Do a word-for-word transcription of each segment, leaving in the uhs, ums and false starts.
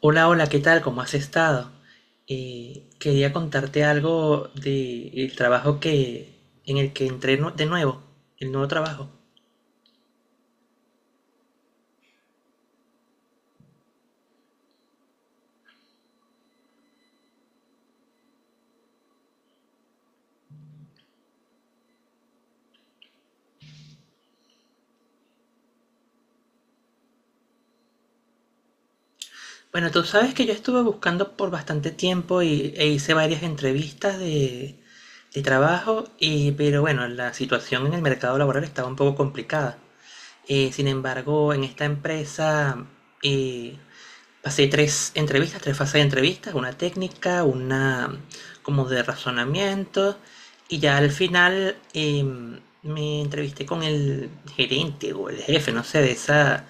Hola, hola, ¿qué tal? ¿Cómo has estado? Eh, quería contarte algo del trabajo que, en el que entré nu- de nuevo, el nuevo trabajo. Bueno, tú sabes que yo estuve buscando por bastante tiempo y, e hice varias entrevistas de, de trabajo, y, pero bueno, la situación en el mercado laboral estaba un poco complicada. Eh, sin embargo, en esta empresa eh, pasé tres entrevistas, tres fases de entrevistas, una técnica, una como de razonamiento, y ya al final em, me entrevisté con el gerente o el jefe, no sé, de esa,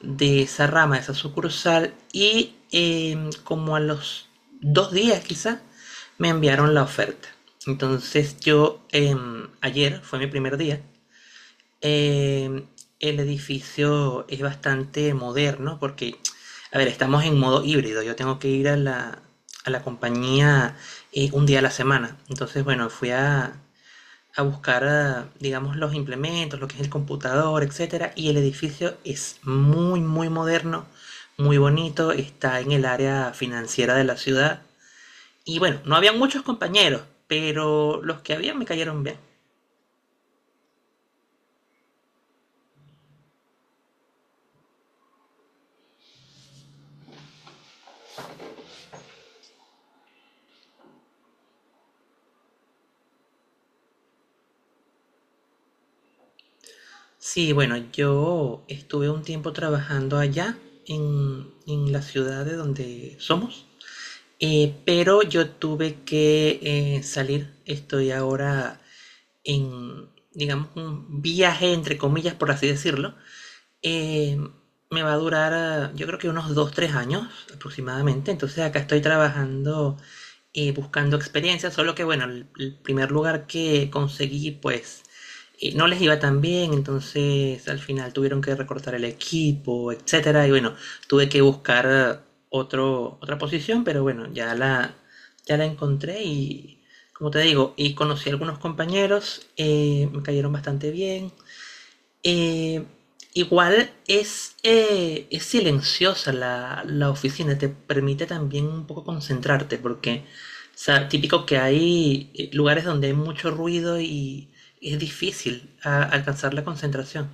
de esa rama, de esa sucursal, y em, como a los dos días quizá, me enviaron la oferta. Entonces yo, em, ayer fue mi primer día. eh, el edificio es bastante moderno porque, a ver, estamos en modo híbrido. Yo tengo que ir a la, a la compañía eh, un día a la semana. Entonces, bueno, fui a, a buscar, ah, digamos, los implementos, lo que es el computador, etcétera. Y el edificio es muy, muy moderno, muy bonito. Está en el área financiera de la ciudad. Y bueno, no había muchos compañeros, pero los que había me cayeron bien. Sí, bueno, yo estuve un tiempo trabajando allá en, en la ciudad de donde somos, eh, pero yo tuve que eh, salir. Estoy ahora en, digamos, un viaje entre comillas, por así decirlo, eh, me va a durar, eh, yo creo que unos dos tres años aproximadamente. Entonces acá estoy trabajando, eh, buscando experiencia, solo que bueno, el, el primer lugar que conseguí, pues eh, no les iba tan bien, entonces al final tuvieron que recortar el equipo, etcétera. Y bueno, tuve que buscar eh, otro, otra posición, pero bueno, ya la, ya la encontré y como te digo, y conocí a algunos compañeros, eh, me cayeron bastante bien. Eh, Igual es, eh, es silenciosa la, la oficina, te permite también un poco concentrarte, porque, o sea, típico que hay eh, lugares donde hay mucho ruido y es difícil a- alcanzar la concentración.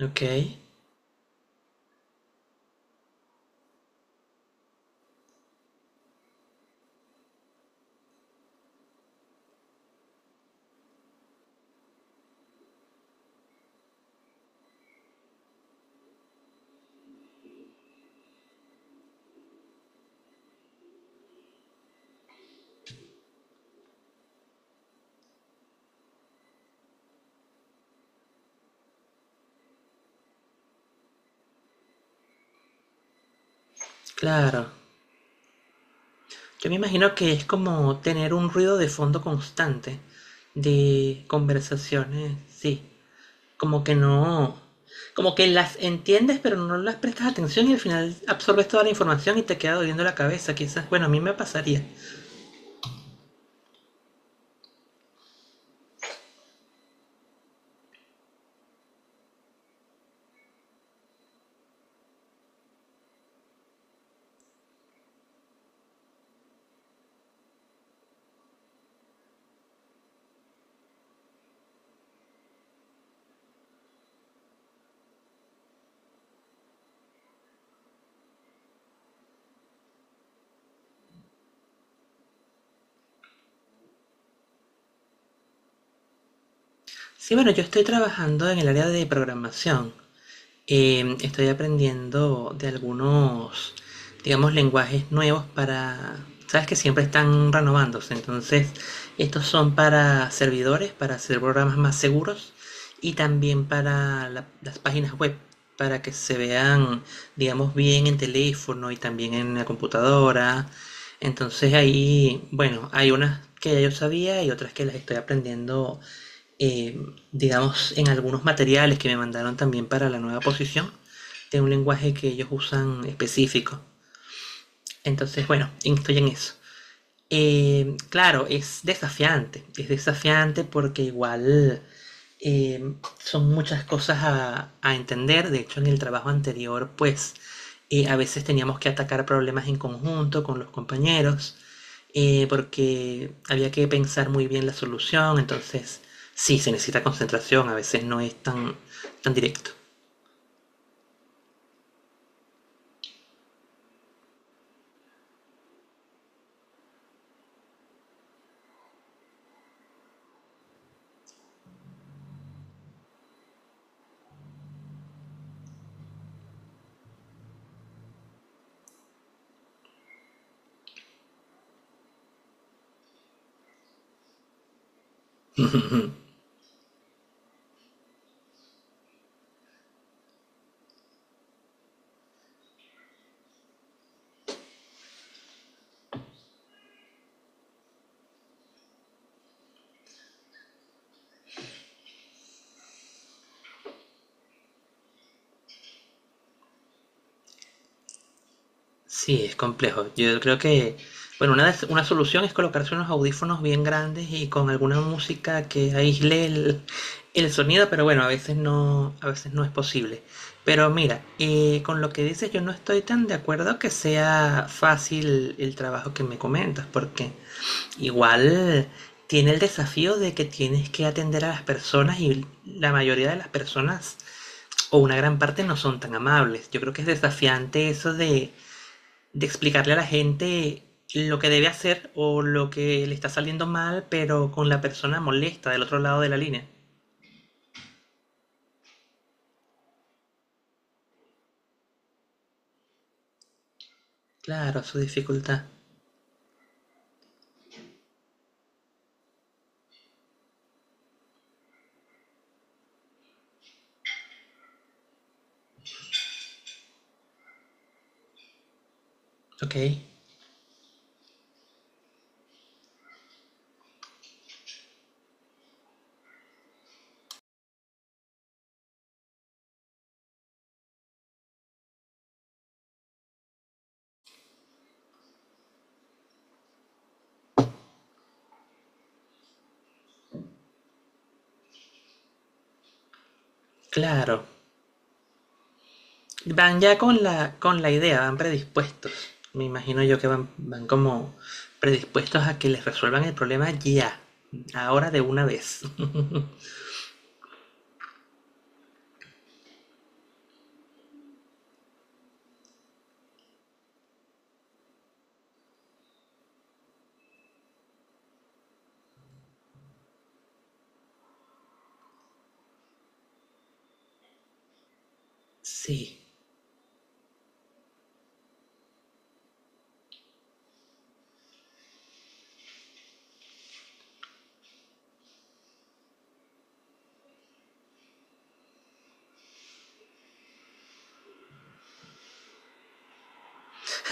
Ok, claro. Yo me imagino que es como tener un ruido de fondo constante de conversaciones, sí. Como que no, como que las entiendes pero no las prestas atención y al final absorbes toda la información y te queda doliendo la cabeza. Quizás, bueno, a mí me pasaría. Sí, bueno, yo estoy trabajando en el área de programación. Em, estoy aprendiendo de algunos, digamos, lenguajes nuevos para... Sabes que siempre están renovándose, entonces estos son para servidores, para hacer programas más seguros y también para la- las páginas web, para que se vean, digamos, bien en teléfono y también en la computadora. Entonces ahí, bueno, hay unas que ya yo sabía y otras que las estoy aprendiendo eh, digamos, en algunos materiales que me mandaron también para la nueva posición, de un lenguaje que ellos usan específico. Entonces, bueno, estoy en eso. Eh, claro, es desafiante, es desafiante porque igual eh, son muchas cosas a, a entender. De hecho, en el trabajo anterior, pues eh, a veces teníamos que atacar problemas en conjunto con los compañeros, eh, porque había que pensar muy bien la solución. Entonces, sí, se necesita concentración, a veces no es tan, tan directo. Sí, es complejo. Yo creo que, bueno, una, des- una solución es colocarse unos audífonos bien grandes y con alguna música que aísle el, el sonido, pero bueno, a veces no, a veces no es posible. Pero mira, eh, con lo que dices, yo no estoy tan de acuerdo que sea fácil el trabajo que me comentas, porque igual tiene el desafío de que tienes que atender a las personas y la mayoría de las personas o una gran parte no son tan amables. Yo creo que es desafiante eso de de explicarle a la gente lo que debe hacer o lo que le está saliendo mal, pero con la persona molesta del otro lado de la línea. Claro, su dificultad. Ok, claro. Van ya con la, con la idea, van predispuestos. Me imagino yo que van, van como predispuestos a que les resuelvan el problema ya, ahora de una vez. Sí.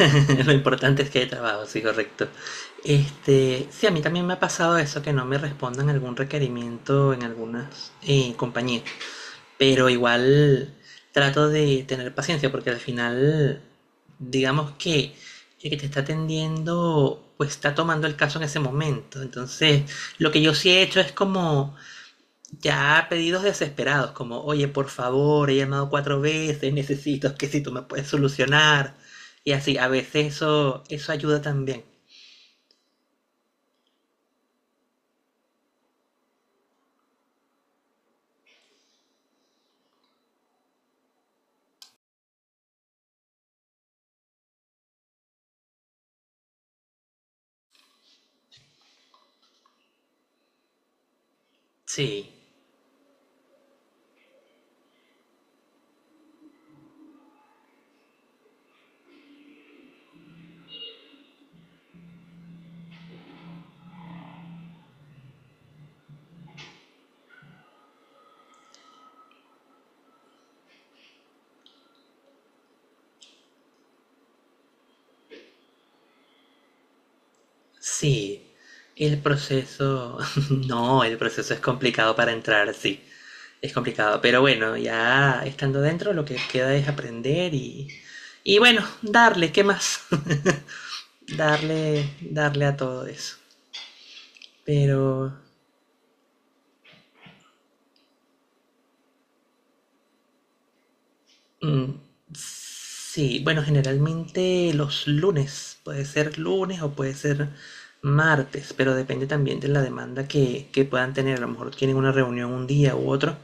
Lo importante es que hay trabajo, sí, correcto. Este, sí, a mí también me ha pasado eso, que no me respondan algún requerimiento en algunas eh, compañías. Pero igual trato de tener paciencia, porque al final, digamos que el que te está atendiendo, pues está tomando el caso en ese momento. Entonces, lo que yo sí he hecho es como ya pedidos desesperados, como, oye, por favor, he llamado cuatro veces, necesito que si tú me puedes solucionar. Y así, a veces eso, eso ayuda también. Sí, sí. El proceso, no, el proceso es complicado para entrar, sí, es complicado. Pero bueno, ya estando dentro, lo que queda es aprender y, y bueno, darle, ¿qué más? Darle, darle a todo eso. Pero mm, sí, bueno, generalmente los lunes, puede ser lunes o puede ser martes, pero depende también de la demanda que, que puedan tener. A lo mejor tienen una reunión un día u otro.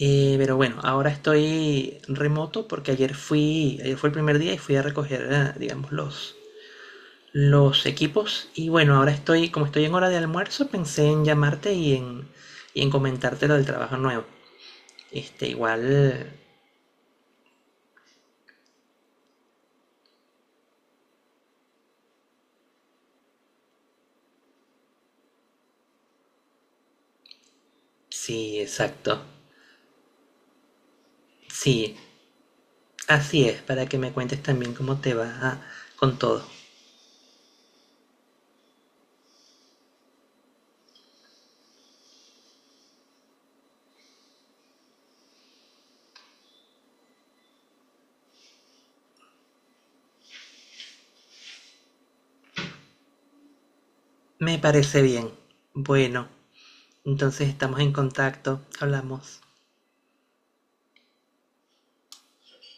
Eh, pero bueno, ahora estoy remoto porque ayer fui, ayer fue el primer día y fui a recoger, eh, digamos, los, los equipos. Y bueno, ahora estoy, como estoy en hora de almuerzo, pensé en llamarte y en, y en comentarte lo del trabajo nuevo. Este, igual, sí, exacto. Sí, así es, para que me cuentes también cómo te va ah, con todo. Me parece bien. Bueno, entonces estamos en contacto. Hablamos.